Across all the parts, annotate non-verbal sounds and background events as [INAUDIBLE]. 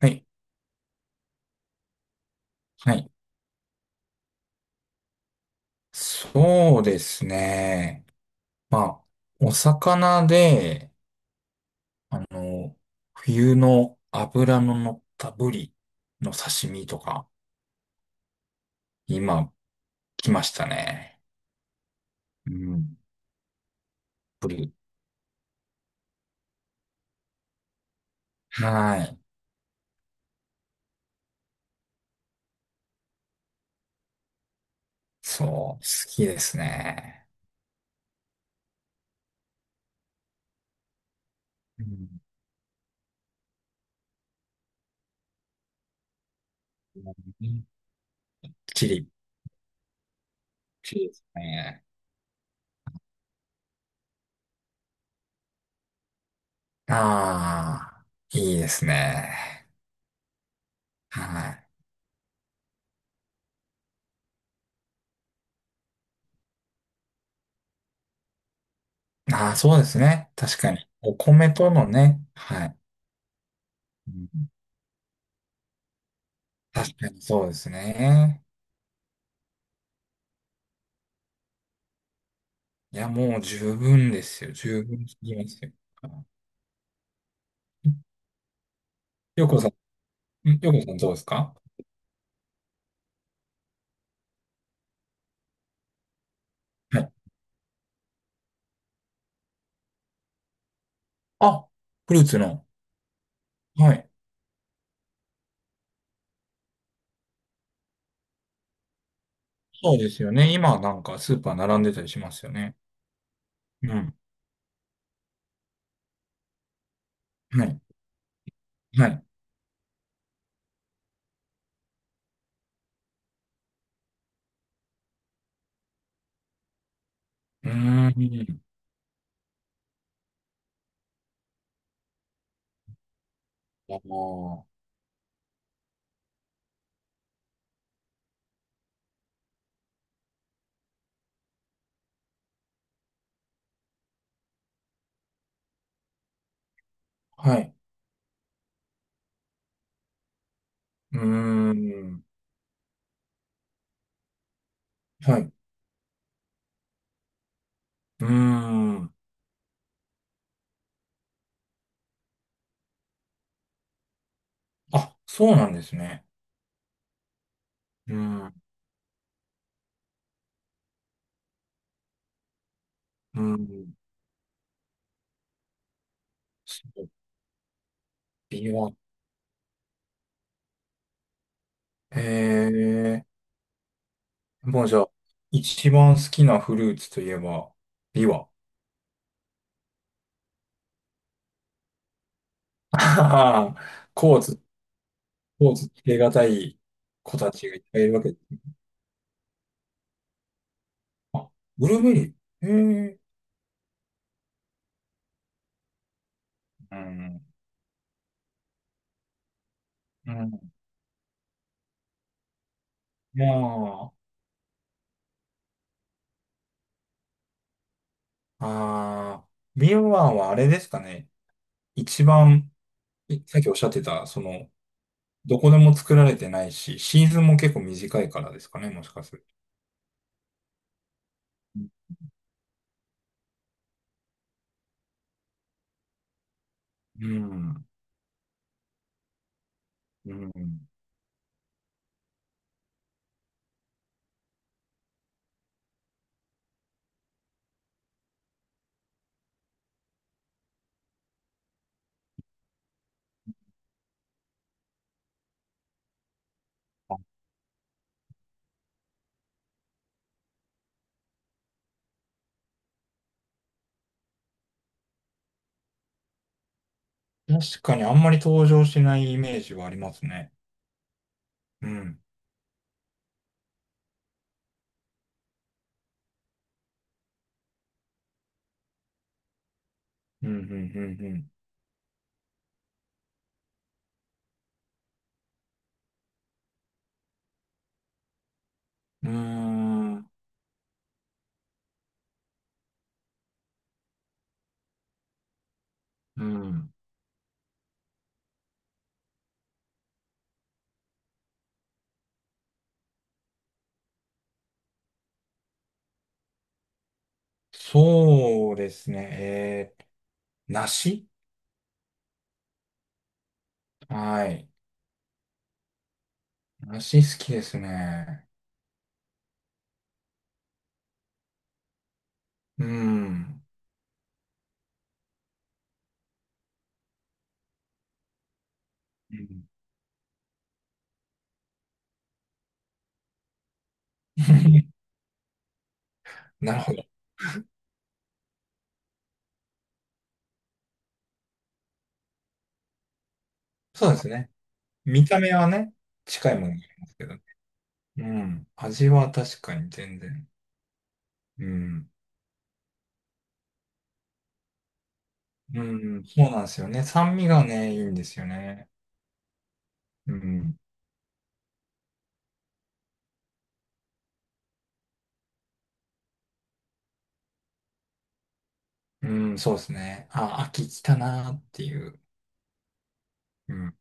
はい。はい。そうですね。まあ、お魚で、あの、冬の脂の乗ったブリの刺身とか、今、来ましたね。うん。ブリ。はい。そう、好きですね。うん。チリ。チリですね。ああ、いいですね。はい。ああ、そうですね。確かに。お米とのね。はい。うん、確かにそうですね。いや、もう十分ですよ。十分すぎますよ。よこさん、よこさんどうですか？はい。あ、フルーツの。はい。そうですよね。今なんかスーパー並んでたりしますよね。うん。はい。はい。うーん。あのーはい。うーん。はい。うーん。あ、そうなんですね。うーん。うーん。そう、ビワ。へえ。もうじゃあ、一番好きなフルーツといえば、ビワ。[LAUGHS] ああ、コーツ、コーツつけがたい子たちがいっぱいいるわけです。あ、ブルーベリー。へえ。うん。うん。いやーあー、ビワはあれですかね。一番、いさっきおっしゃってた、その、どこでも作られてないし、シーズンも結構短いからですかね、もしかすると。うん。うん。確かにあんまり登場しないイメージはありますね。うん。うん、うん。うーん、うん。そうですね。えー、梨。はい。梨好きですね。うん。うん。 [LAUGHS] なるほど。そうですね。見た目はね、近いものにありますけど。うん。味は確かに全然。うん。うん、そうなんですよね。酸味がね、いいんですよね。うん。うん、そうですね。あ、秋来たなーっていう。うん。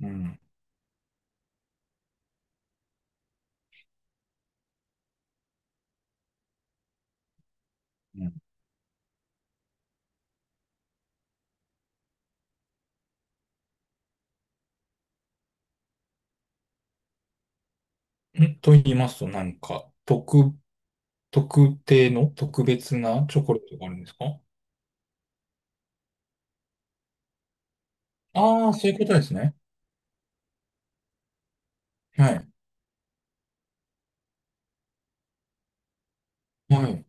うん。うん、んと言いますと、なんか、特、特定の特別なチョコレートがあるんですか？ああー、そういうことですね。はい。はい。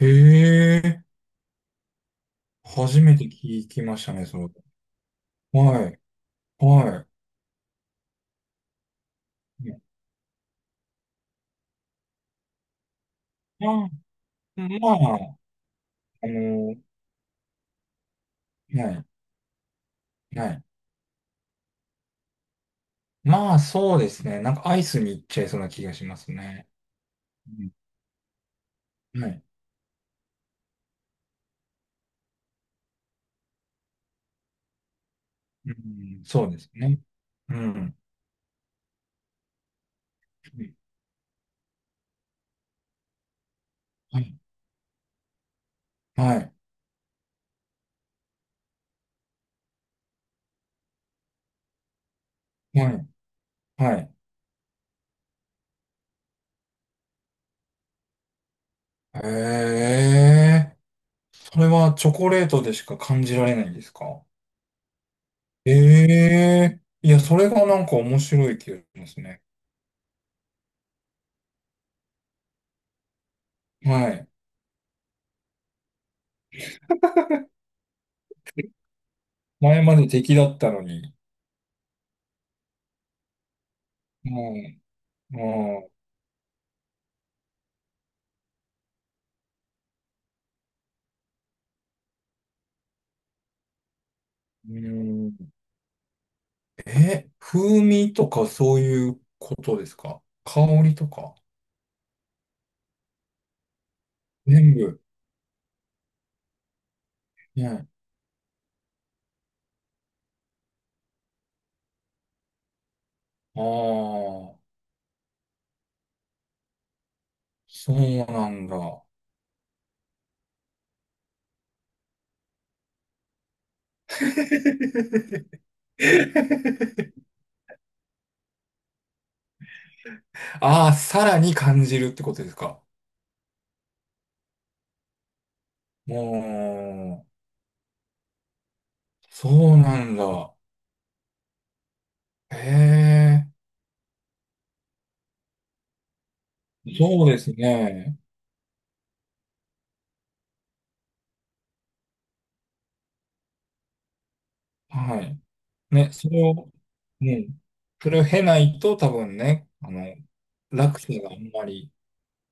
へえ、初めて聞きましたね、それ。はい。はい。まあ、まあ、あの、はい。はい。まあ、そうですね。なんかアイスに行っちゃいそうな気がしますね。うん、はい。うん、そうですね。うん。はい。はい。はい。はい。へえ。それはチョコレートでしか感じられないんですか？ええいや、それがなんか面白い気がしますね。はい。前まで敵だったのに。うん。うん。うん、え、風味とかそういうことですか？香りとか全部。ね。ああ、そうなんだ。[LAUGHS] ああ、さらに感じるってことですか。もう、そうなんだ。へえ。そうですね。はい。ね、それを、うん。それを経ないと多分ね、あの、落差があんまり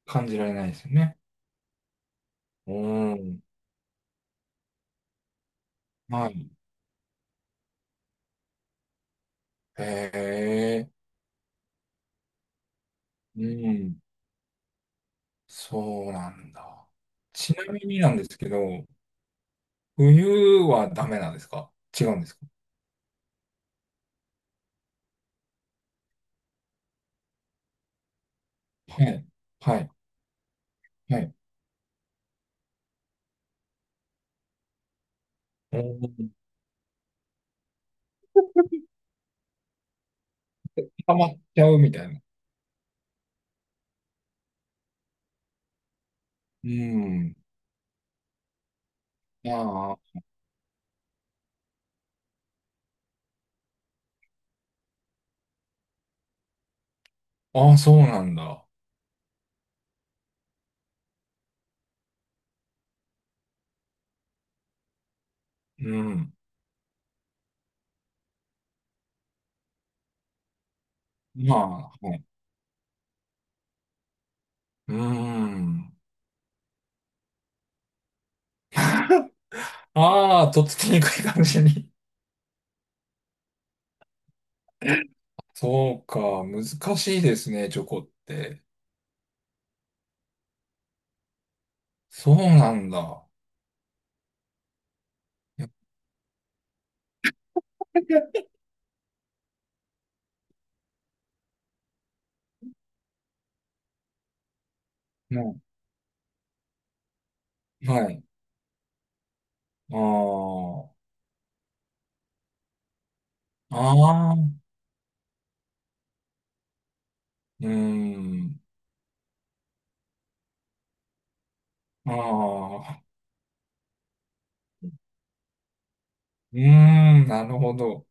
感じられないですよね。うん。はい。へえ、うん。そうなんだ。ちなみになんですけど、冬はダメなんですか？違うんですか？はい。はい。はい。うん。溜まっちゃうみたいな。うん。ああ、ああ、そうなんだ。うん。まあ、はい。うーん。ああ、とっつきにくい感じに。[LAUGHS] そうか、難しいですね、チョコって。そうなんだ。[LAUGHS] いやっもう、はい。ああ、ああ、うーん、ああ、うーん、なるほど。